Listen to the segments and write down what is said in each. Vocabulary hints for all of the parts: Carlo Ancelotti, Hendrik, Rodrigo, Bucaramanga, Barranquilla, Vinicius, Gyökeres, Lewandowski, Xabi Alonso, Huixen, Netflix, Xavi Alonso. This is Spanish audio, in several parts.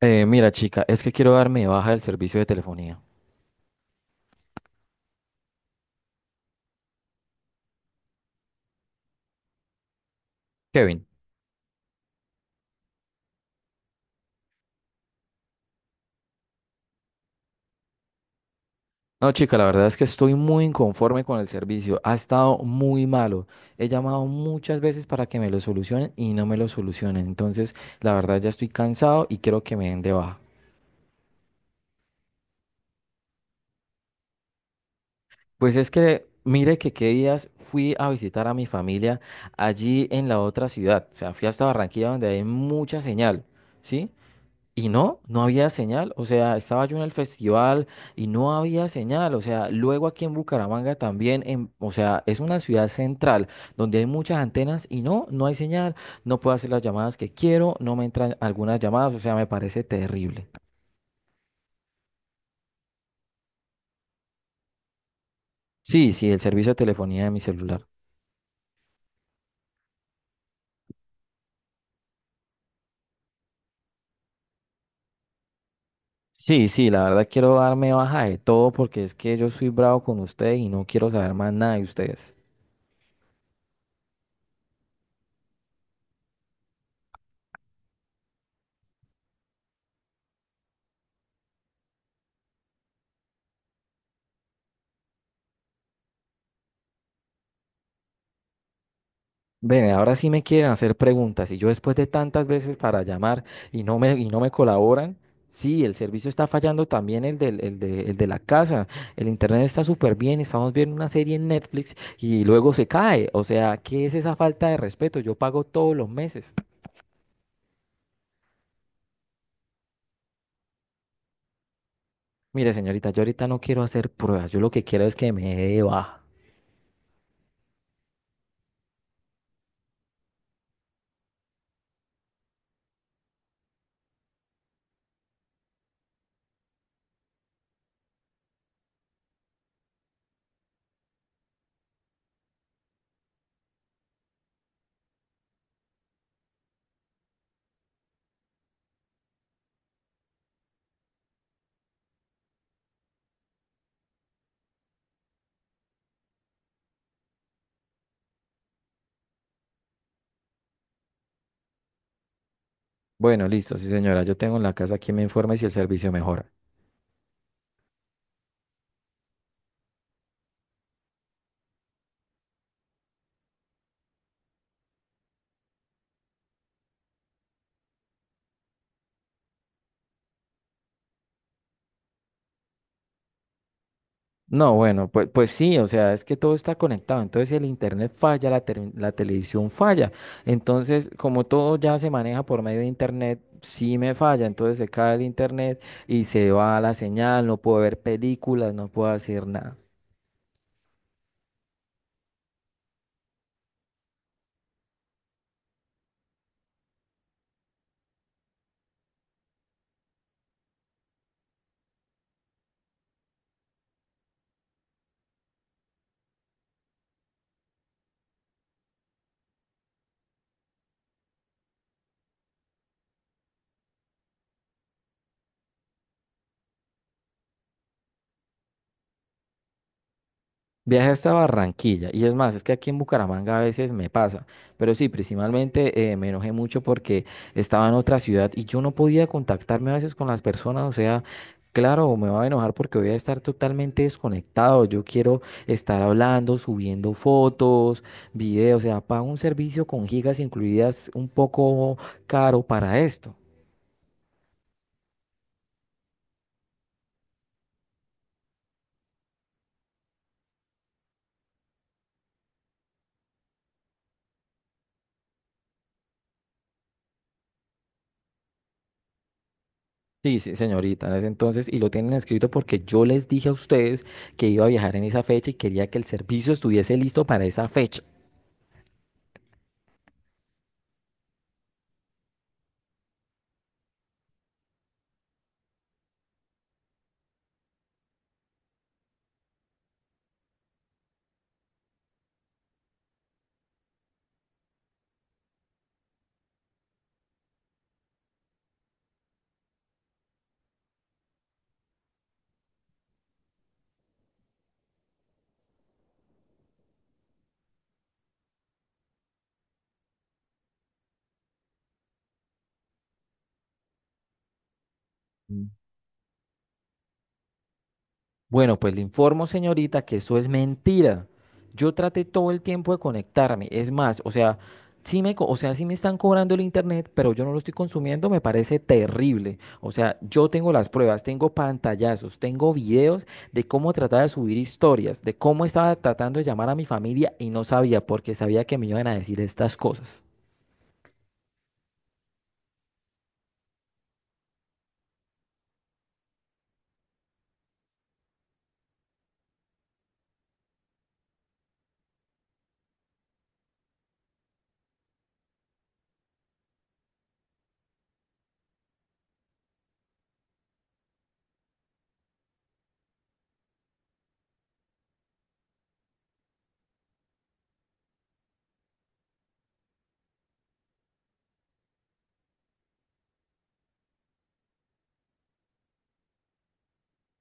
Mira, chica, es que quiero darme de baja del servicio de telefonía. Kevin. No, chica, la verdad es que estoy muy inconforme con el servicio. Ha estado muy malo. He llamado muchas veces para que me lo solucionen y no me lo solucionen. Entonces, la verdad ya estoy cansado y quiero que me den de baja. Pues es que, mire que qué días fui a visitar a mi familia allí en la otra ciudad. O sea, fui hasta Barranquilla donde hay mucha señal, ¿sí? Y no, no había señal, o sea, estaba yo en el festival y no había señal, o sea, luego aquí en Bucaramanga también, o sea, es una ciudad central donde hay muchas antenas y no, no hay señal, no puedo hacer las llamadas que quiero, no me entran algunas llamadas, o sea, me parece terrible. Sí, sí, el servicio de telefonía de mi celular. Sí, sí, la verdad quiero darme baja de todo porque es que yo soy bravo con ustedes y no quiero saber más nada de ustedes. Ven, ahora sí me quieren hacer preguntas y yo después de tantas veces para llamar y no me colaboran, sí, el servicio está fallando también el de la casa, el internet está súper bien, estamos viendo una serie en Netflix y luego se cae, o sea, ¿qué es esa falta de respeto? Yo pago todos los meses. Mire, señorita, yo ahorita no quiero hacer pruebas, yo lo que quiero es que me dé de baja. Bueno, listo, sí, señora, yo tengo en la casa quien me informe si el servicio mejora. No, bueno, pues sí, o sea, es que todo está conectado. Entonces, si el internet falla, la televisión falla. Entonces, como todo ya se maneja por medio de internet, sí me falla. Entonces se cae el internet y se va la señal, no puedo ver películas, no puedo hacer nada. Viaje hasta Barranquilla. Y es más, es que aquí en Bucaramanga a veces me pasa. Pero sí, principalmente me enojé mucho porque estaba en otra ciudad y yo no podía contactarme a veces con las personas. O sea, claro, me va a enojar porque voy a estar totalmente desconectado. Yo quiero estar hablando, subiendo fotos, videos. O sea, pago un servicio con gigas incluidas un poco caro para esto. Sí, sí, señorita, en ese entonces, y lo tienen escrito porque yo les dije a ustedes que iba a viajar en esa fecha. Y quería que el servicio estuviese listo para esa fecha. Bueno, pues le informo, señorita, que eso es mentira. Yo traté todo el tiempo de conectarme. Es más, o sea, o sea, sí me están cobrando el internet, pero yo no lo estoy consumiendo, me parece terrible. O sea, yo tengo las pruebas, tengo pantallazos, tengo videos de cómo trataba de subir historias, de cómo estaba tratando de llamar a mi familia y no sabía porque sabía que me iban a decir estas cosas.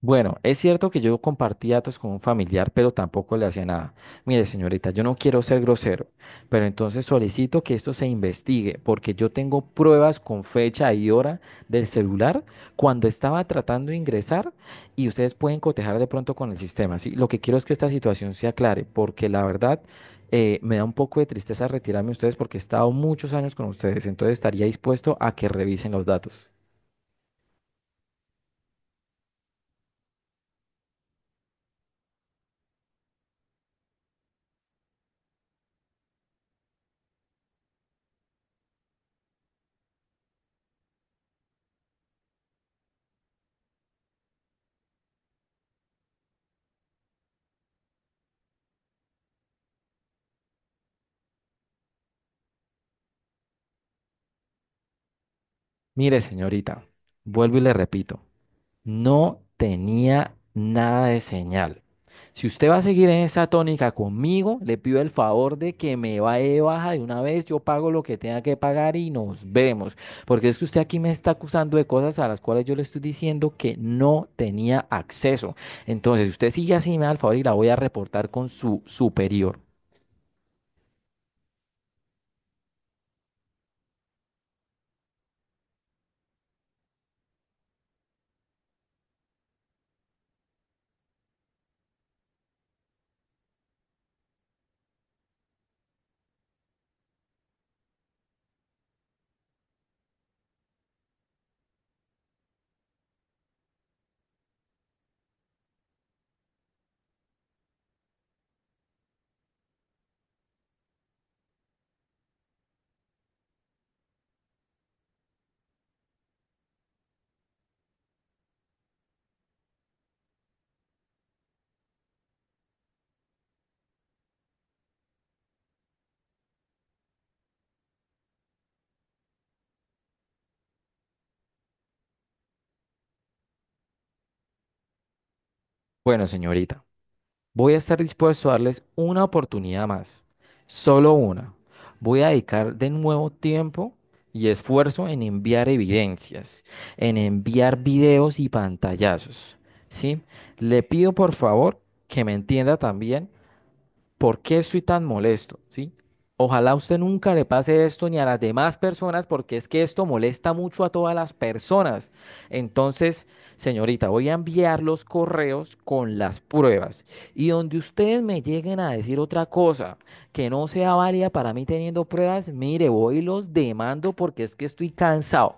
Bueno, es cierto que yo compartí datos con un familiar, pero tampoco le hacía nada. Mire, señorita, yo no quiero ser grosero, pero entonces solicito que esto se investigue, porque yo tengo pruebas con fecha y hora del celular cuando estaba tratando de ingresar y ustedes pueden cotejar de pronto con el sistema, ¿sí? Lo que quiero es que esta situación se aclare, porque la verdad me da un poco de tristeza retirarme de ustedes porque he estado muchos años con ustedes, entonces estaría dispuesto a que revisen los datos. Mire, señorita, vuelvo y le repito. No tenía nada de señal. Si usted va a seguir en esa tónica conmigo, le pido el favor de que me vaya de baja de una vez, yo pago lo que tenga que pagar y nos vemos. Porque es que usted aquí me está acusando de cosas a las cuales yo le estoy diciendo que no tenía acceso. Entonces, si usted sigue así, me da el favor y la voy a reportar con su superior. Bueno, señorita. Voy a estar dispuesto a darles una oportunidad más, solo una. Voy a dedicar de nuevo tiempo y esfuerzo en enviar evidencias, en enviar videos y pantallazos, ¿sí? Le pido por favor que me entienda también. ¿Por qué estoy tan molesto? ¿Sí? Ojalá a usted nunca le pase esto ni a las demás personas porque es que esto molesta mucho a todas las personas. Entonces, señorita, voy a enviar los correos con las pruebas y donde ustedes me lleguen a decir otra cosa que no sea válida para mí teniendo pruebas, mire, voy y los demando porque es que estoy cansado.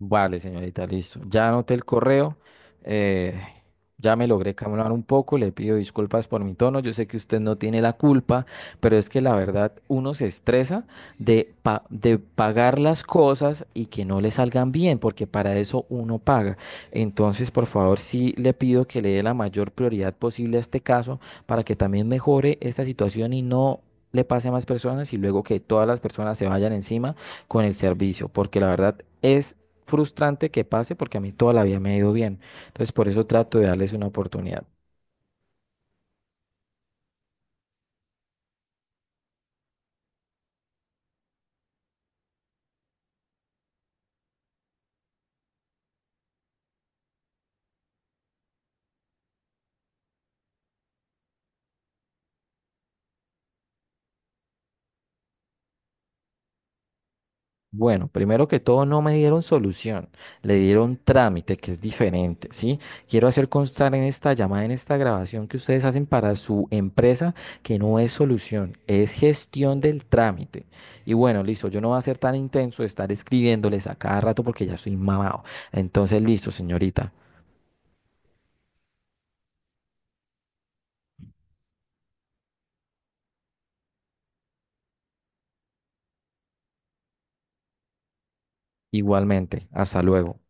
Vale, señorita, listo. Ya anoté el correo. eh, ya me logré calmar un poco. Le pido disculpas por mi tono. Yo sé que usted no tiene la culpa, pero es que la verdad uno se estresa de pagar las cosas y que no le salgan bien, porque para eso uno paga. Entonces, por favor, sí le pido que le dé la mayor prioridad posible a este caso para que también mejore esta situación y no le pase a más personas y luego que todas las personas se vayan encima con el servicio, porque la verdad es frustrante que pase porque a mí toda la vida me ha ido bien. Entonces, por eso trato de darles una oportunidad. Bueno, primero que todo, no me dieron solución, le dieron trámite, que es diferente, ¿sí? Quiero hacer constar en esta llamada, en esta grabación que ustedes hacen para su empresa, que no es solución, es gestión del trámite. Y bueno, listo, yo no voy a ser tan intenso de estar escribiéndoles a cada rato porque ya soy mamado. Entonces, listo, señorita, igualmente, hasta luego.